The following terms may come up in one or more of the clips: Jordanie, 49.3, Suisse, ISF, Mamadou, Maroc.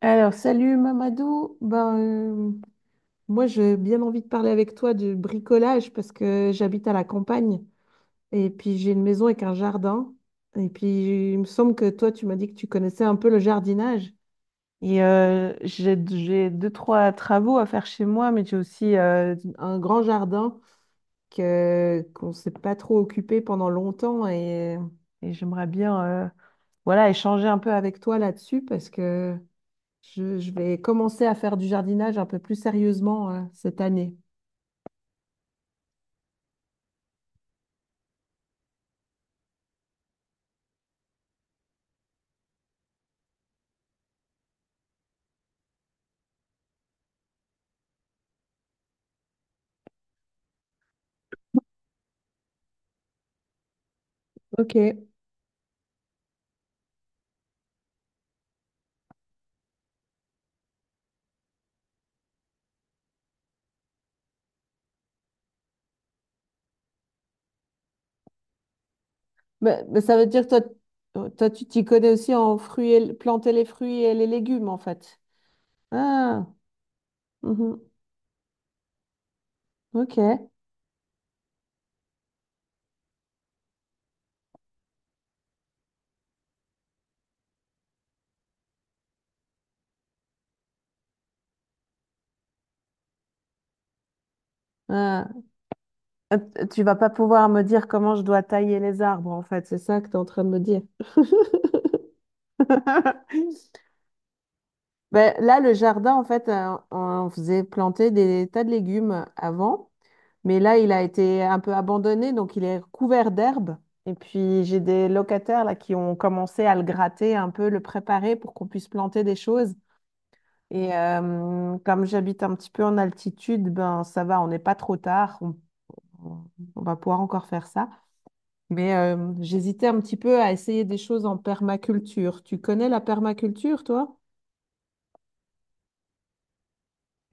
Alors, salut Mamadou. Moi, j'ai bien envie de parler avec toi de bricolage parce que j'habite à la campagne et puis j'ai une maison avec un jardin. Et puis, il me semble que toi, tu m'as dit que tu connaissais un peu le jardinage. J'ai deux, trois travaux à faire chez moi, mais j'ai aussi un grand jardin qu'on ne s'est pas trop occupé pendant longtemps. Et j'aimerais bien voilà, échanger un peu avec toi là-dessus parce que... Je vais commencer à faire du jardinage un peu plus sérieusement cette année. Ok. Mais ça veut dire que toi, toi, tu t'y connais aussi en fruits et, planter les fruits et les légumes, en fait. Ah, mhm. Ok. Ah. Euh, Tu vas pas pouvoir me dire comment je dois tailler les arbres, en fait. C'est ça que tu es en train de me dire. Ben, là, le jardin, en fait, on faisait planter des tas de légumes avant. Mais là, il a été un peu abandonné, donc il est couvert d'herbe. Et puis j'ai des locataires là qui ont commencé à le gratter un peu, le préparer pour qu'on puisse planter des choses. Comme j'habite un petit peu en altitude, ben ça va, on n'est pas trop tard, on- on va pouvoir encore faire ça. J'hésitais un petit peu à essayer des choses en permaculture. Tu connais la permaculture, toi?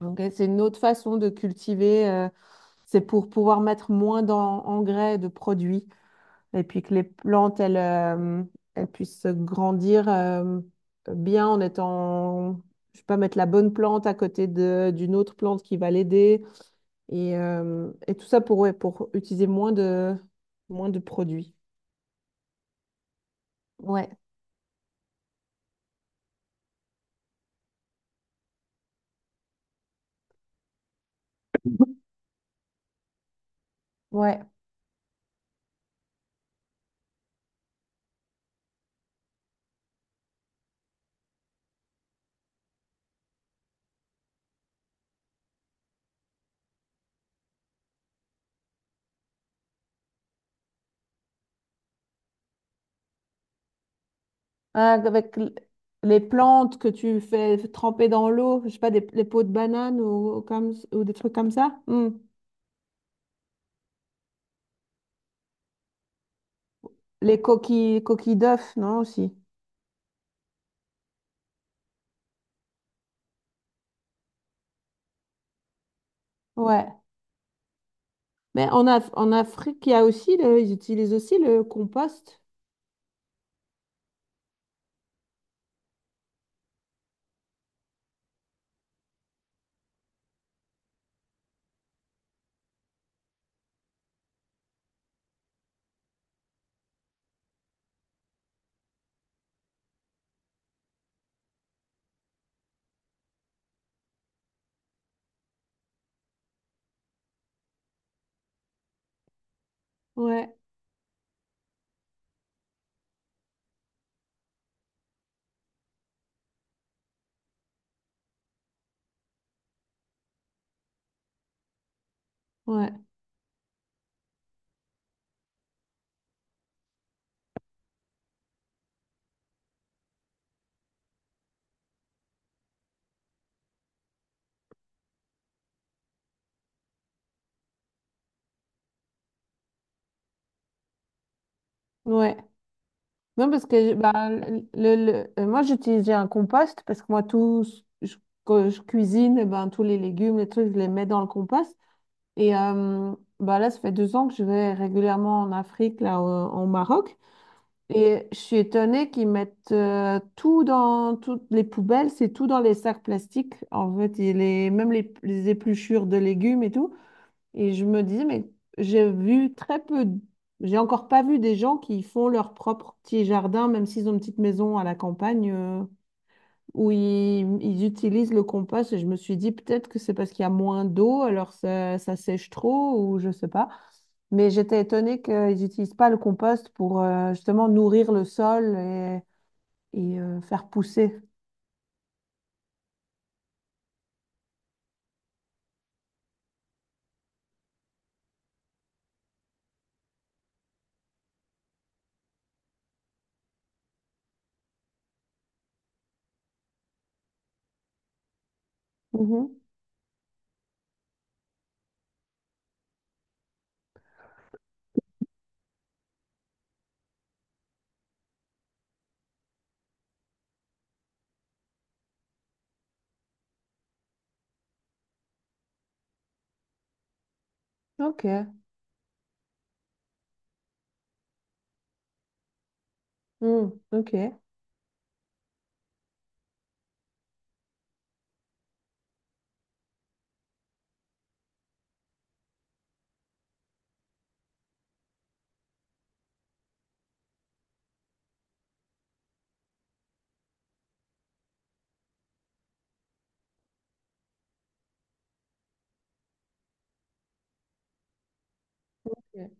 Ok, c'est une autre façon de cultiver. Euh, c'est pour pouvoir mettre moins d'engrais, de produits. Et puis que les plantes, elles, elles puissent grandir bien en étant, je sais pas, mettre la bonne plante à côté de, d'une autre plante qui va l'aider. Et tout ça pour, ouais, pour utiliser moins de produits. Ouais, ouais. Ah, avec l- les plantes que tu fais tremper dans l'eau, je sais pas, des, les peaux de banane ou comme, ou des trucs comme ça. Hmm. Les coquilles, coquilles d'œufs, non, aussi. Ouais. Mais en, en Afrique, il y a aussi le, ils utilisent aussi le compost. Ouais, ouais, ouais. Non, parce que bah, moi, j'utilisais un compost parce que moi, que je cuisine, eh ben, tous les légumes, les trucs, je les mets dans le compost. Et euh, bah, là, ça fait deux ans que je vais régulièrement en Afrique, au, au Maroc. Et je suis étonnée qu'ils mettent tout dans toutes les poubelles, c'est tout dans les sacs plastiques. En fait, et les, même les épluchures de légumes et tout. Et je me dis, mais j'ai vu très peu, j'ai encore pas vu des gens qui font leur propre petit jardin, même s'ils ont une petite maison à la campagne, où ils utilisent le compost. Et je me suis dit, peut-être que c'est parce qu'il y a moins d'eau, alors ça sèche trop, ou je sais pas. Mais j'étais étonnée qu'ils n'utilisent pas le compost pour justement nourrir le sol et, faire pousser. Mhm. Ok. Mm, ok. Ok.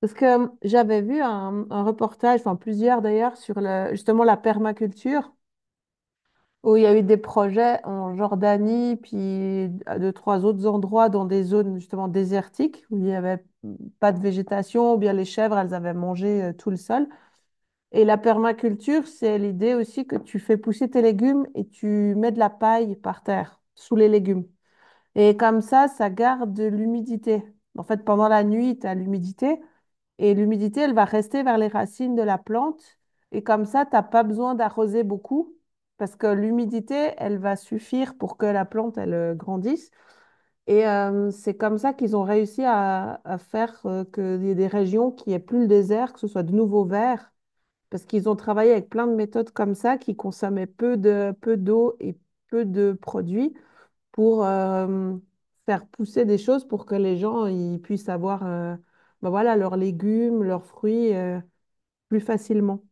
Parce que j'avais vu un reportage, enfin plusieurs d'ailleurs, sur le, justement la permaculture, où il y a eu des projets en Jordanie, puis à deux, trois autres endroits dans des zones justement désertiques, où il n'y avait pas de végétation, ou bien les chèvres, elles avaient mangé tout le sol. Et la permaculture, c'est l'idée aussi que tu fais pousser tes légumes et tu mets de la paille par terre, sous les légumes. Et comme ça garde de l'humidité. En fait, pendant la nuit, tu as l'humidité et l'humidité, elle va rester vers les racines de la plante. Et comme ça, tu n'as pas besoin d'arroser beaucoup parce que l'humidité, elle va suffire pour que la plante, elle grandisse. C'est comme ça qu'ils ont réussi à faire qu'il y ait des régions qui aient plus le désert, que ce soit de nouveau vert, parce qu'ils ont travaillé avec plein de méthodes comme ça qui consommaient peu d'eau et peu de produits pour faire pousser des choses pour que les gens ils puissent avoir ben voilà, leurs légumes, leurs fruits plus facilement.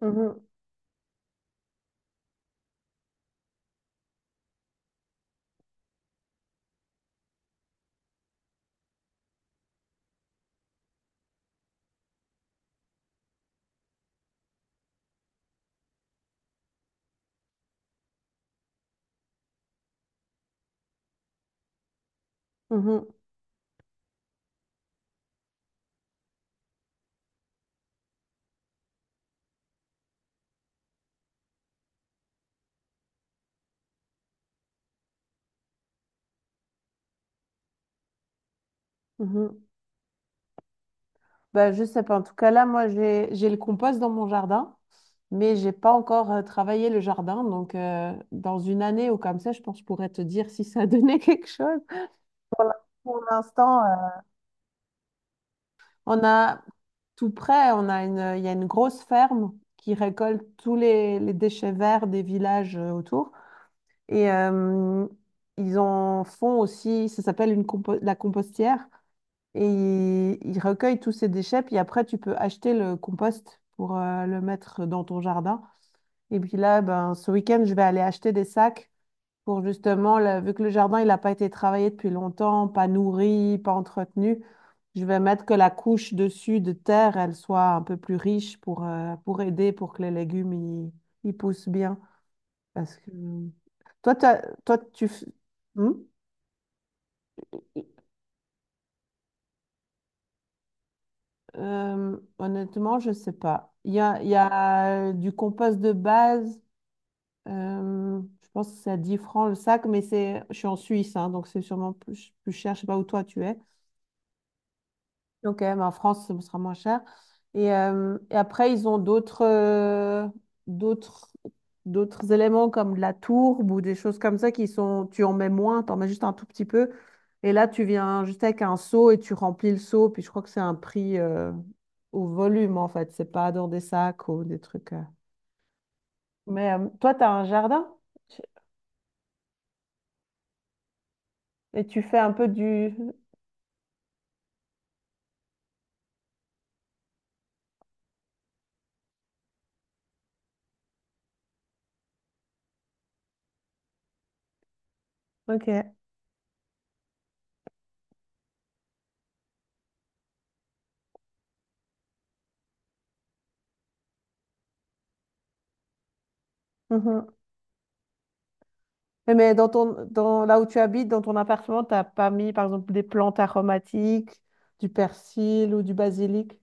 Mhm, mhm, mhm. Bah, je sais pas. En tout cas, là, moi, j'ai le compost dans mon jardin, mais j'ai pas encore travaillé le jardin. Donc, dans une année ou comme ça, je pense que je pourrais te dire si ça a donné quelque chose. Pour l'instant, on a tout près, on a une, il y a une grosse ferme qui récolte tous les déchets verts des villages autour. Et euh, ils en font aussi, ça s'appelle la compostière. Et ils recueillent tous ces déchets, puis après, tu peux acheter le compost pour le mettre dans ton jardin. Et puis là, ben, ce week-end, je vais aller acheter des sacs pour justement, vu que le jardin, il n'a pas été travaillé depuis longtemps, pas nourri, pas entretenu, je vais mettre que la couche dessus de terre, elle soit un peu plus riche pour aider, pour que les légumes, ils poussent bien. Parce que toi, toi tu... f- Hmm. Honnêtement, je sais pas. Il y a du compost de base. Je pense que c'est à 10 francs le sac, mais c'est, je suis en Suisse, hein, donc c'est sûrement plus, plus cher. Je sais pas où toi tu es. Ok, mais en France, ce sera moins cher. Et après, ils ont d'autres d'autres d'autres éléments comme de la tourbe ou des choses comme ça qui sont, tu en mets moins, tu en mets juste un tout petit peu. Et là, tu viens juste avec un seau et tu remplis le seau. Puis je crois que c'est un prix au volume, en fait. C'est pas dans des sacs ou des trucs. Euh. Mais toi, tu as un jardin. Tu- et tu fais un peu du... Ok. Mhm. Et mais dans ton, dans, là où tu habites, dans ton appartement, t'as pas mis, par exemple, des plantes aromatiques, du persil ou du basilic?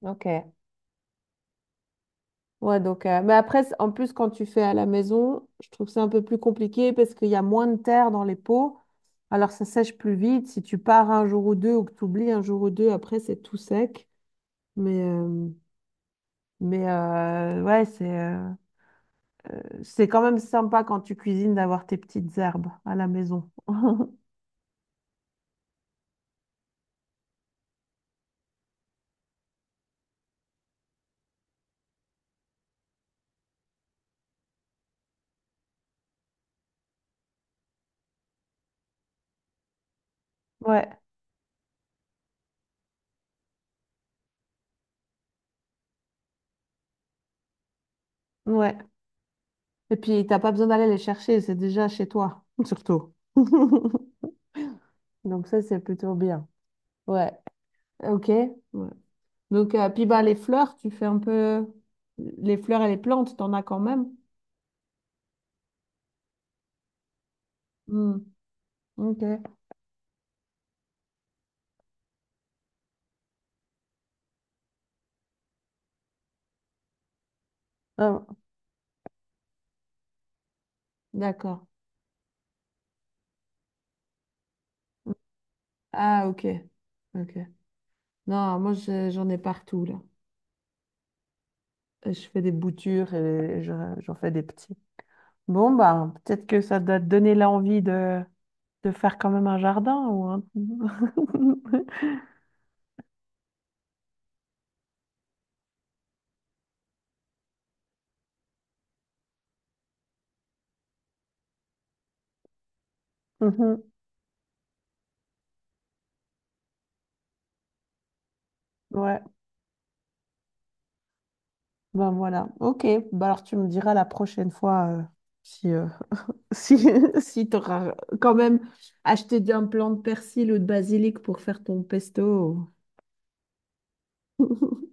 Ok. Ouais, donc, mais après, c- en plus, quand tu fais à la maison, je trouve ça un peu plus compliqué parce qu'il y a moins de terre dans les pots. Alors, ça sèche plus vite. Si tu pars un jour ou deux ou que tu oublies un jour ou deux, après, c'est tout sec. Mais, euh, ouais, c'est quand même sympa quand tu cuisines d'avoir tes petites herbes à la maison. Ouais, ouais. Et puis, t'as pas besoin d'aller les chercher, c'est déjà chez toi, surtout. Donc ça, c'est plutôt bien. Ouais, ok. Ouais. Donc, puis bah, les fleurs, tu fais un peu... Les fleurs et les plantes, t'en as quand même. Hmm, ok. Ah, d'accord. Ah, ok. Ok. Non, moi, j'en ai partout, là. Et je fais des boutures et j'en fais des petits. Bon, bah, peut-être que ça doit te donner l'envie de faire quand même un jardin ou un... Mhm. Ouais, ben voilà. Ok, bah alors tu me diras la prochaine fois si, si, si tu auras quand même acheté un plant de persil ou de basilic pour faire ton pesto.